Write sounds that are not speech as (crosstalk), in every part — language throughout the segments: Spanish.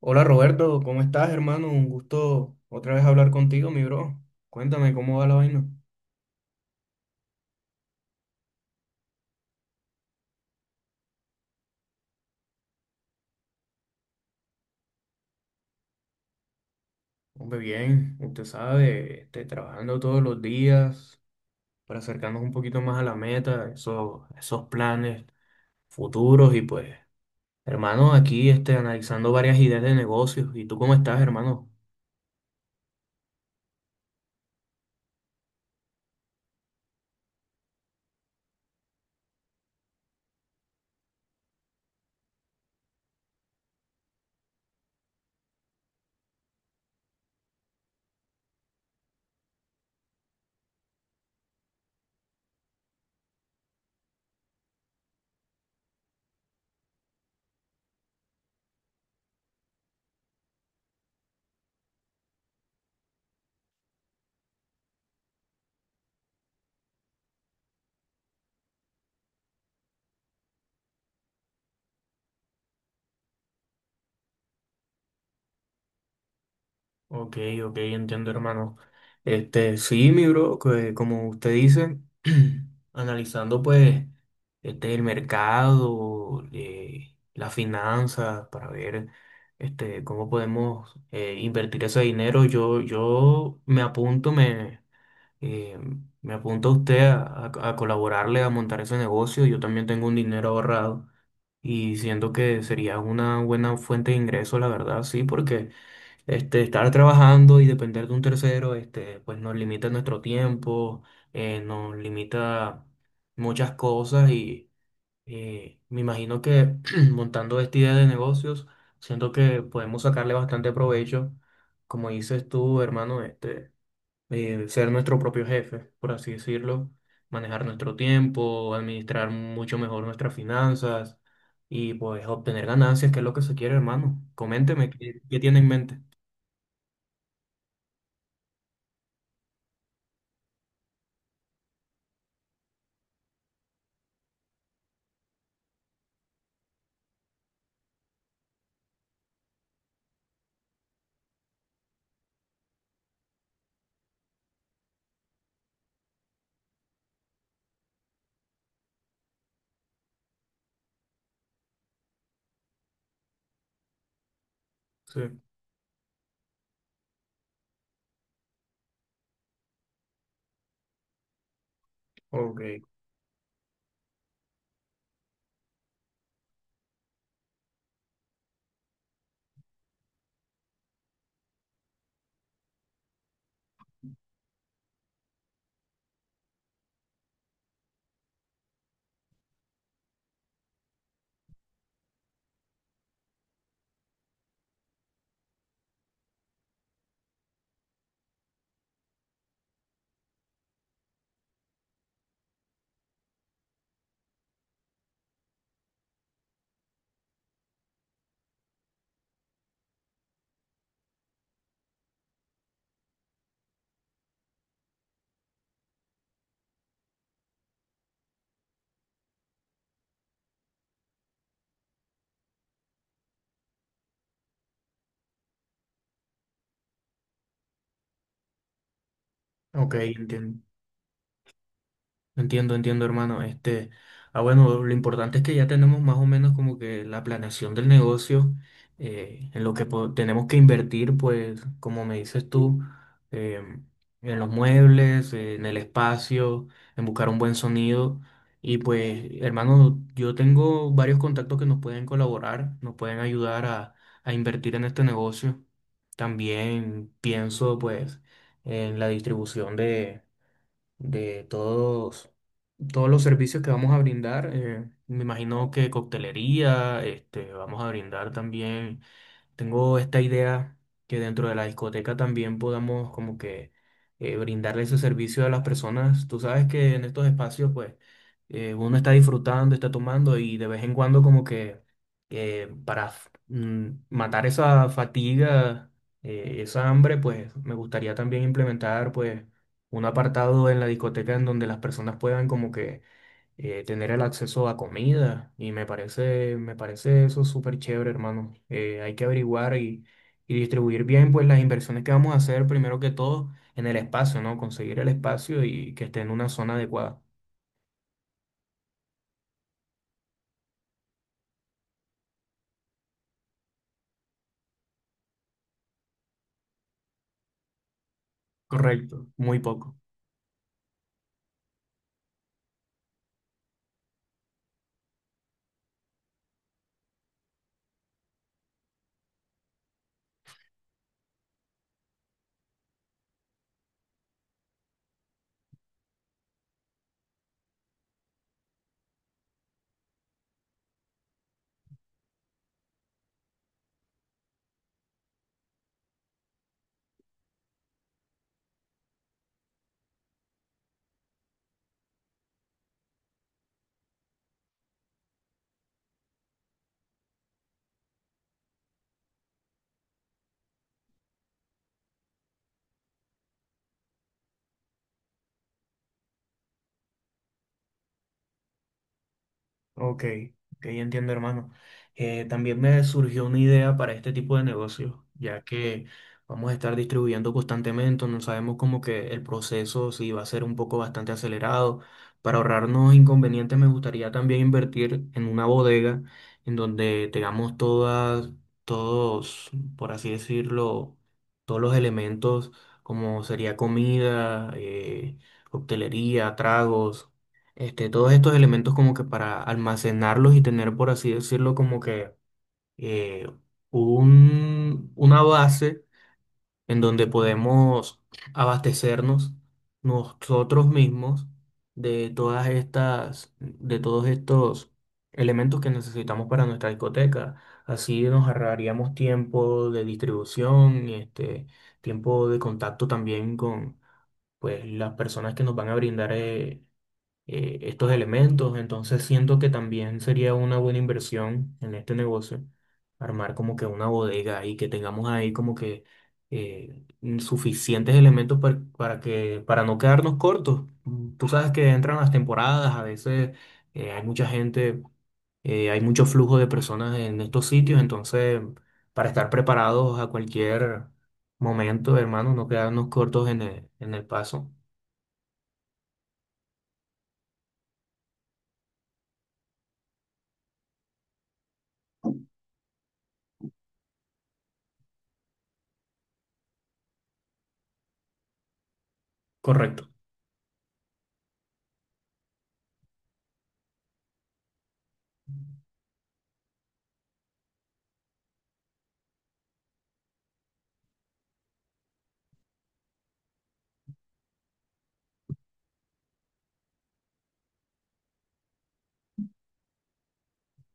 Hola Roberto, ¿cómo estás, hermano? Un gusto otra vez hablar contigo, mi bro. Cuéntame cómo va la vaina. Hombre, bien, usted sabe, trabajando todos los días para acercarnos un poquito más a la meta, esos planes futuros y pues, hermano, aquí analizando varias ideas de negocios. ¿Y tú cómo estás, hermano? Ok, ok, entiendo, hermano. Sí, mi bro, que como usted dice, (clears throat) analizando pues el mercado, las finanzas, para ver cómo podemos invertir ese dinero. Yo me apunto, eh, me apunto a usted a colaborarle, a montar ese negocio. Yo también tengo un dinero ahorrado y siento que sería una buena fuente de ingreso, la verdad, sí, porque... Estar trabajando y depender de un tercero, este, pues nos limita nuestro tiempo, nos limita muchas cosas y me imagino que (clears throat) montando esta idea de negocios, siento que podemos sacarle bastante provecho, como dices tú, hermano, ser nuestro propio jefe, por así decirlo, manejar nuestro tiempo, administrar mucho mejor nuestras finanzas y pues obtener ganancias, que es lo que se quiere, hermano. Coménteme, ¿qué tiene en mente? Sí. Ok, ok, entiendo, hermano. Ah, bueno, lo importante es que ya tenemos más o menos como que la planeación del negocio, en lo que tenemos que invertir, pues, como me dices tú, em, en los muebles, en el espacio, en buscar un buen sonido. Y pues, hermano, yo tengo varios contactos que nos pueden colaborar, nos pueden ayudar a invertir en este negocio. También pienso, pues, en la distribución de todos los servicios que vamos a brindar. Eh, me imagino que coctelería, este, vamos a brindar también. Tengo esta idea que dentro de la discoteca también podamos como que brindarle ese servicio a las personas. Tú sabes que en estos espacios pues uno está disfrutando, está tomando y de vez en cuando como que matar esa fatiga, esa hambre, pues me gustaría también implementar pues un apartado en la discoteca en donde las personas puedan como que tener el acceso a comida y me parece eso súper chévere, hermano. Hay que averiguar y distribuir bien pues las inversiones que vamos a hacer primero que todo en el espacio, ¿no? Conseguir el espacio y que esté en una zona adecuada. Correcto. Muy poco. Ok, ok, entiendo, hermano. También me surgió una idea para este tipo de negocios, ya que vamos a estar distribuyendo constantemente, no sabemos como que el proceso si va a ser un poco bastante acelerado. Para ahorrarnos inconvenientes, me gustaría también invertir en una bodega en donde todos, por así decirlo, todos los elementos, como sería comida, coctelería, tragos, este, todos estos elementos como que para almacenarlos y tener, por así decirlo, como que eh, una base en donde podemos abastecernos nosotros mismos de de todos estos elementos que necesitamos para nuestra discoteca. Así nos ahorraríamos tiempo de distribución, este, tiempo de contacto también con pues, las personas que nos van a brindar estos elementos. Entonces siento que también sería una buena inversión en este negocio armar como que una bodega y que tengamos ahí como que eh, suficientes elementos para que para no quedarnos cortos. Mm, tú sabes que entran las temporadas, a veces hay mucha gente, hay mucho flujo de personas en estos sitios, entonces para estar preparados a cualquier momento, hermano, no quedarnos cortos en en el paso. Correcto.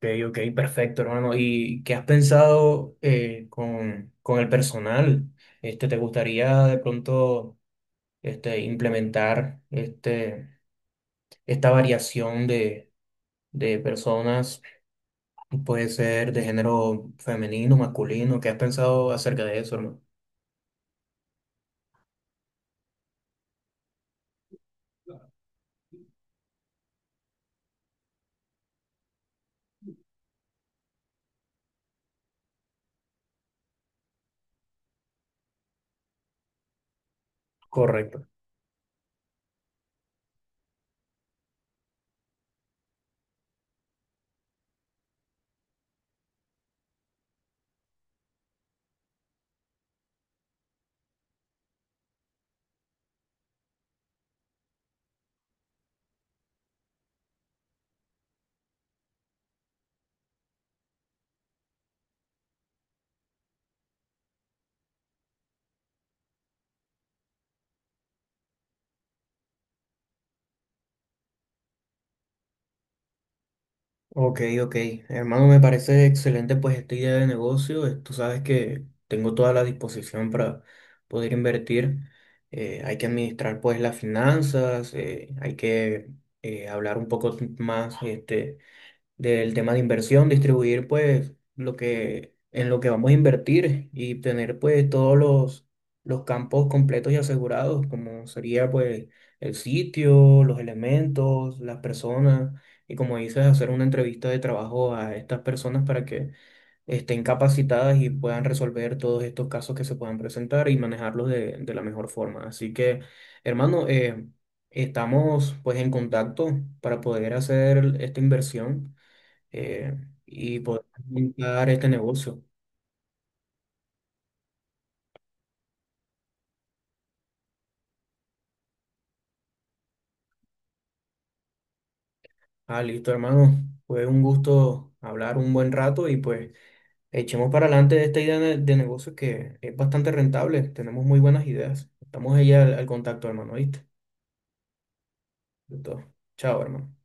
Ok, ok, perfecto, hermano. ¿Y qué has pensado con el personal? Este, ¿te gustaría de pronto implementar esta variación de personas? Puede ser de género femenino, masculino. ¿Qué has pensado acerca de eso, hermano? Correcto. Ok, ok. Hermano, me parece excelente pues esta idea de negocio. Tú sabes que tengo toda la disposición para poder invertir. Hay que administrar pues las finanzas, hay que hablar un poco más, este, del tema de inversión, distribuir pues lo que vamos a invertir y tener pues todos los campos completos y asegurados, como sería pues el sitio, los elementos, las personas, y como dices, hacer una entrevista de trabajo a estas personas para que estén capacitadas y puedan resolver todos estos casos que se puedan presentar y manejarlos de la mejor forma. Así que, hermano, estamos pues en contacto para poder hacer esta inversión, eh, y poder montar este negocio. Ah, listo, hermano. Fue un gusto hablar un buen rato y pues echemos para adelante esta idea de negocio, que es bastante rentable. Tenemos muy buenas ideas. Estamos ahí al contacto, hermano, ¿viste? Listo. Chao, hermano.